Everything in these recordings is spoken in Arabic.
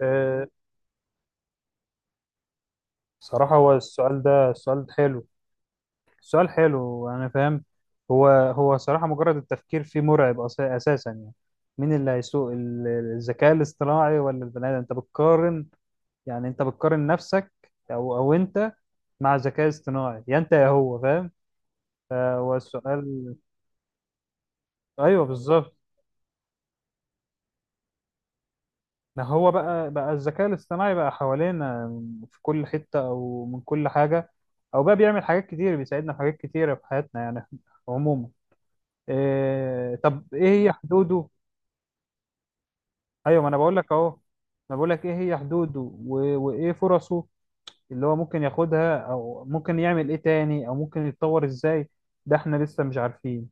آه، صراحة هو السؤال ده السؤال حلو. السؤال حلو، أنا فاهم. هو صراحة مجرد التفكير فيه مرعب، أساسا يعني. مين اللي هيسوق الذكاء الاصطناعي ولا البني آدم؟ أنت بتقارن، يعني أنت بتقارن نفسك، أو أنت مع ذكاء اصطناعي، يا أنت يا هو، فاهم؟ فهو السؤال. أيوه بالظبط. ما هو بقى الذكاء الاصطناعي بقى حوالينا في كل حتة، أو من كل حاجة، أو بقى بيعمل حاجات كتير، بيساعدنا في حاجات كتيرة في حياتنا، يعني عموما. إيه طب ايه هي حدوده؟ ايوه ما انا بقول لك اهو، انا بقول لك ايه هي حدوده وايه فرصه اللي هو ممكن ياخدها، او ممكن يعمل ايه تاني، او ممكن يتطور ازاي. ده احنا لسه مش عارفين.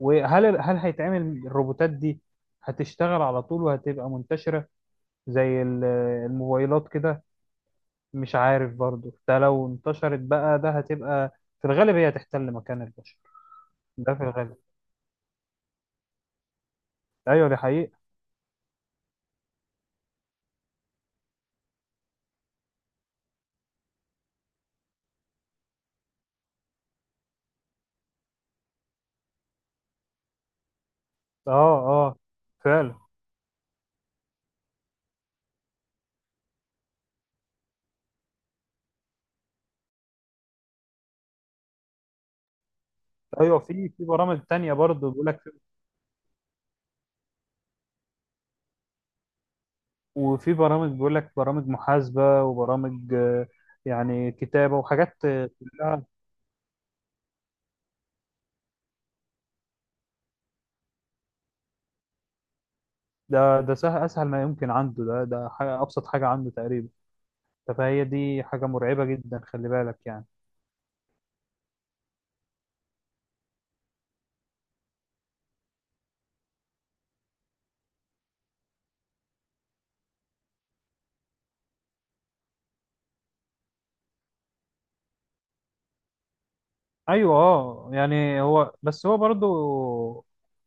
وهل هل هيتعمل الروبوتات دي، هتشتغل على طول وهتبقى منتشرة زي الموبايلات كده؟ مش عارف. برضو ده لو انتشرت بقى ده هتبقى في الغالب هي هتحتل مكان البشر. ده في الغالب. ايوه دي حقيقة. اه، اه، فعلا. ايوه في برامج تانية برضه بيقول لك، وفي برامج بيقول لك، برامج محاسبة، وبرامج آه، يعني كتابة، وحاجات آه، كلها. ده سهل، اسهل ما يمكن عنده، ده حاجة، ابسط حاجة عنده تقريبا. فهي دي حاجة مرعبة جدا، خلي بالك يعني. ايوه اه. يعني هو بس هو برضه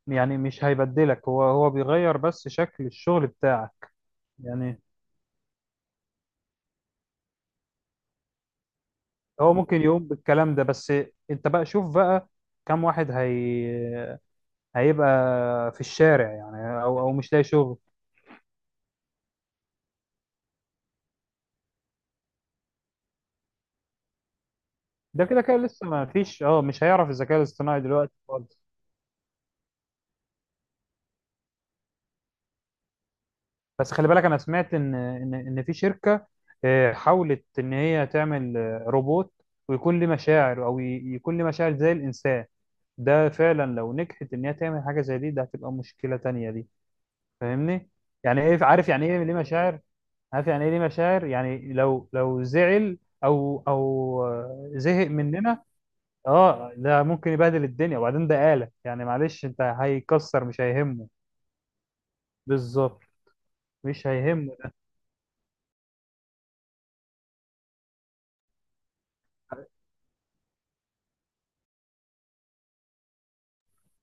يعني مش هيبدلك، هو بيغير بس شكل الشغل بتاعك. يعني هو ممكن يقوم بالكلام ده، بس انت بقى شوف بقى كم واحد هي هيبقى في الشارع، يعني، او مش لاقي شغل. ده كده كده لسه ما فيش، اه مش هيعرف الذكاء الاصطناعي دلوقتي خالص. بس خلي بالك، انا سمعت ان في شركة آه، حاولت ان هي تعمل آه، روبوت ويكون له مشاعر، او يكون له مشاعر زي الانسان. ده فعلا لو نجحت ان هي تعمل حاجة زي دي، ده هتبقى مشكلة تانية دي، فاهمني؟ يعني ايه عارف يعني ايه ليه مشاعر، عارف يعني ايه ليه مشاعر؟ يعني لو زعل، او آه، زهق مننا. اه ده ممكن يبهدل الدنيا، وبعدين ده آلة يعني، معلش، انت هيكسر، مش هيهمه. بالظبط، مش هيهمه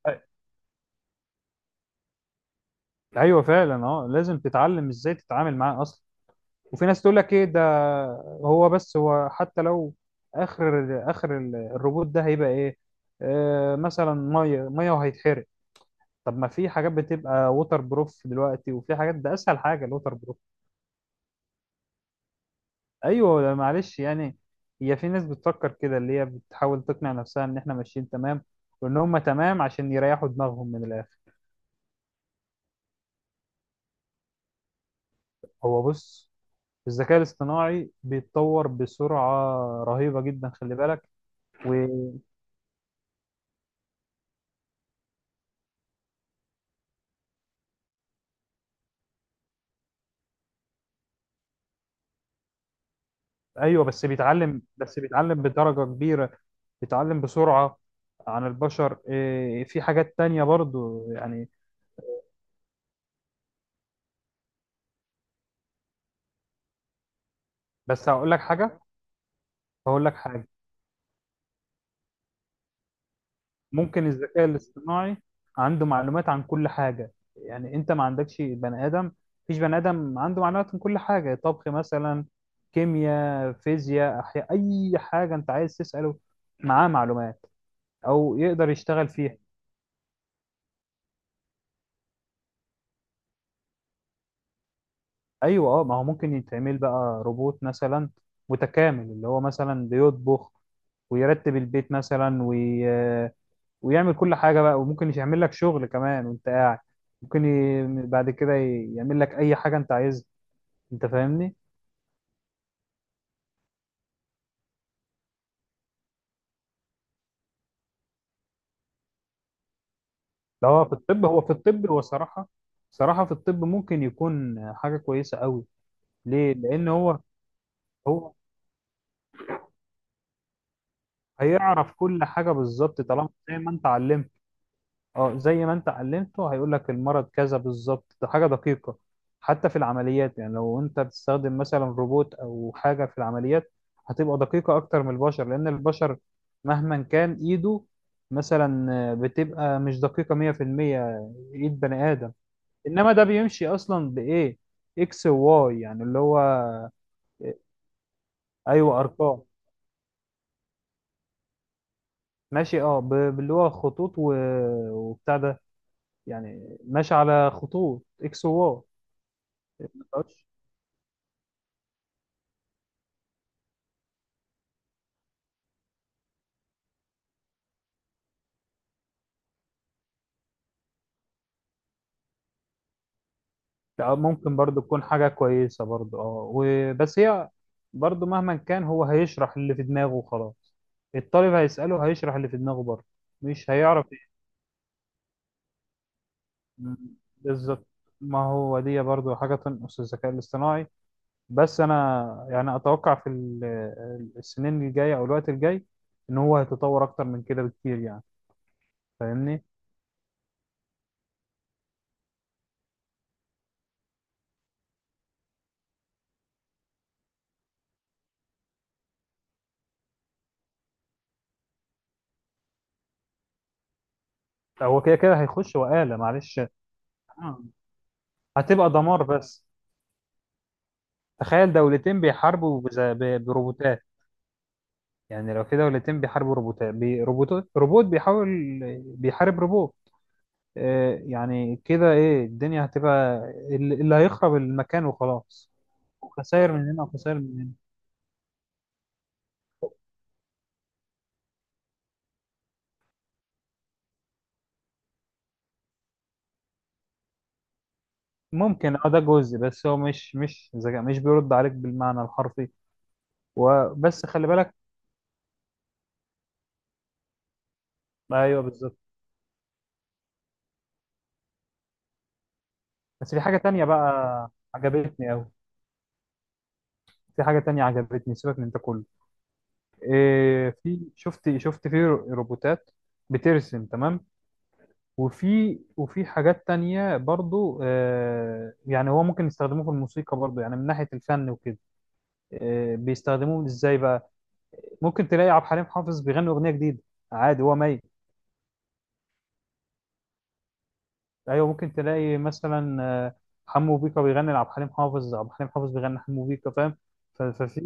ده. ايوه فعلا، اه لازم تتعلم ازاي تتعامل معاه اصلا. وفي ناس تقول لك ايه ده، هو بس هو حتى لو اخر الروبوت ده هيبقى ايه؟ آه مثلا ميه ميه وهيتحرق. طب ما في حاجات بتبقى ووتر بروف دلوقتي، وفي حاجات ده اسهل حاجه الووتر بروف. ايوه لا معلش يعني، هي في ناس بتفكر كده، اللي هي بتحاول تقنع نفسها ان احنا ماشيين تمام، وان هم تمام عشان يريحوا دماغهم من الاخر. هو بص، الذكاء الاصطناعي بيتطور بسرعة رهيبة جدا، خلي بالك. وايوه بس بيتعلم، بس بيتعلم بدرجة كبيرة، بيتعلم بسرعة عن البشر. إيه، في حاجات تانية برضو يعني. بس هقول لك حاجة. هقول لك حاجة، ممكن الذكاء الاصطناعي عنده معلومات عن كل حاجة، يعني انت ما عندكش بني ادم، مفيش بني ادم عنده معلومات عن كل حاجة. طبخ مثلا، كيمياء، فيزياء، احياء، اي حاجة انت عايز تسأله معاه معلومات، او يقدر يشتغل فيها. ايوه اه، ما هو ممكن يتعمل بقى روبوت مثلا متكامل، اللي هو مثلا بيطبخ ويرتب البيت مثلا، ويعمل كل حاجة بقى، وممكن يعمل لك شغل كمان وانت قاعد. ممكن بعد كده يعمل لك اي حاجة انت عايزها، انت فاهمني؟ لو هو في الطب هو في الطب هو صراحة، صراحة في الطب ممكن يكون حاجة كويسة قوي. ليه؟ لان هو هو هيعرف كل حاجة بالظبط طالما زي ما انت علمت. اه زي ما انت علمته هيقول لك المرض كذا بالظبط، ده حاجة دقيقة. حتى في العمليات، يعني لو انت بتستخدم مثلا روبوت او حاجة في العمليات، هتبقى دقيقة اكتر من البشر، لان البشر مهما كان ايده مثلا بتبقى مش دقيقة 100%. ايد بني آدم، انما ده بيمشي اصلا بايه؟ اكس وواي، يعني اللي هو. ايوه ارقام. ماشي اه، باللي هو خطوط و... وبتاع ده، يعني ماشي على خطوط اكس وواي. متقدرش- لا، ممكن برضو تكون حاجة كويسة برضو اه، وبس هي برضو مهما كان هو هيشرح اللي في دماغه وخلاص، الطالب هيسأله هيشرح اللي في دماغه برضو، مش هيعرف إيه. مم. بالظبط، ما هو دي برضو حاجة تنقص الذكاء الاصطناعي. بس انا يعني اتوقع في السنين الجايه او الوقت الجاي ان هو هيتطور اكتر من كده بكتير، يعني فاهمني؟ هو كده كده هيخش وآلة، معلش. آه. هتبقى دمار بس. تخيل دولتين بيحاربوا بروبوتات. يعني لو في دولتين بيحاربوا روبوتات، روبوتات، روبوت بيحاول، بيحارب روبوت، آه، يعني كده ايه الدنيا هتبقى؟ اللي هيخرب المكان وخلاص. خسائر من هنا وخسائر من هنا. ممكن اه، ده جزء، بس هو مش ذكاء، مش بيرد عليك بالمعنى الحرفي، وبس خلي بالك. ايوه بالظبط. بس في حاجه تانية بقى عجبتني قوي، في حاجه تانية عجبتني، سيبك من ده كله. إيه في، شفت في روبوتات بترسم تمام. وفي حاجات تانية برضو آه، يعني هو ممكن يستخدموه في الموسيقى برضو، يعني من ناحيه الفن وكده. آه بيستخدموه ازاي بقى؟ ممكن تلاقي عبد الحليم حافظ بيغني اغنيه جديده، عادي، هو ميت. ايوه ممكن تلاقي مثلا آه، حمو بيكا بيغني لعبد الحليم حافظ، عبد الحليم حافظ بيغني حمو بيكا، فاهم؟ ففي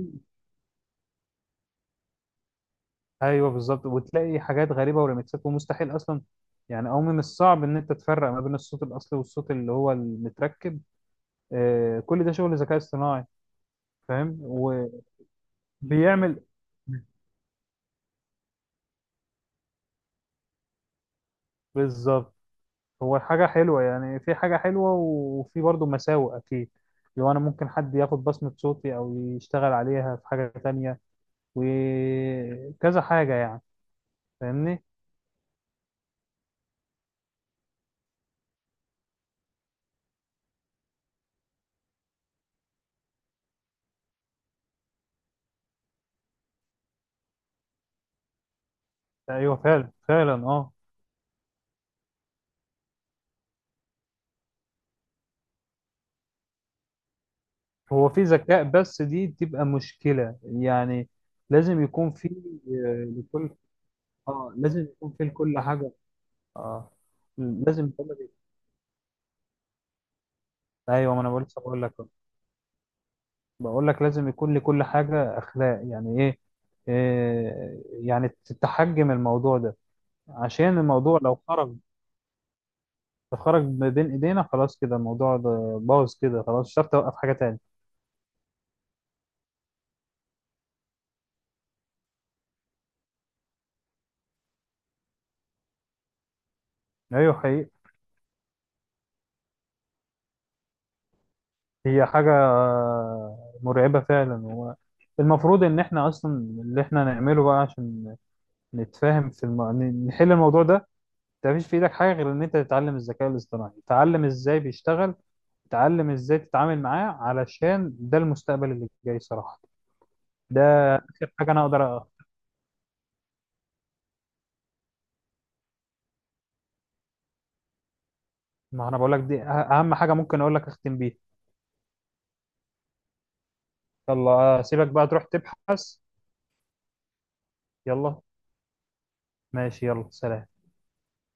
ايوه بالظبط، وتلاقي حاجات غريبه، وريمكسات ومستحيل اصلا، يعني او من الصعب ان انت تفرق ما بين الصوت الاصلي والصوت اللي هو المتركب. آه، كل ده شغل ذكاء اصطناعي، فاهم؟ وبيعمل بالظبط. هو حاجه حلوه، يعني في حاجه حلوه، وفي برضه مساوئ اكيد. لو انا ممكن حد ياخد بصمه صوتي او يشتغل عليها في حاجه تانية، وكذا حاجة يعني، فاهمني؟ أيوه فعلا فعلا أه. هو في ذكاء بس، دي بتبقى مشكلة يعني، لازم يكون في آه، لكل، أه لازم يكون في لكل حاجة، أه لازم يكون. أيوه ما أنا بقول- لسه بقول لك أهو. بقول لك لازم يكون لكل حاجة أخلاق، يعني إيه آه، يعني تتحجم الموضوع ده، عشان الموضوع لو خرج، خرج ما بين إيدينا خلاص كده، الموضوع ده باظ كده خلاص، مش هتعرف توقف حاجة تاني. أيوه حقيقي، هي حاجة مرعبة فعلا. هو المفروض إن إحنا أصلا اللي إحنا نعمله بقى عشان نتفاهم نحل الموضوع ده، أنت مفيش في إيدك حاجة غير إن أنت تتعلم الذكاء الاصطناعي، تتعلم إزاي بيشتغل، تتعلم إزاي تتعامل معاه، علشان ده المستقبل اللي جاي صراحة. ده آخر حاجة أنا أقدر ما أنا بقول لك دي أهم حاجة ممكن أقول لك أختم بيها. يلا أسيبك بقى تروح تبحث. يلا ماشي، يلا سلام.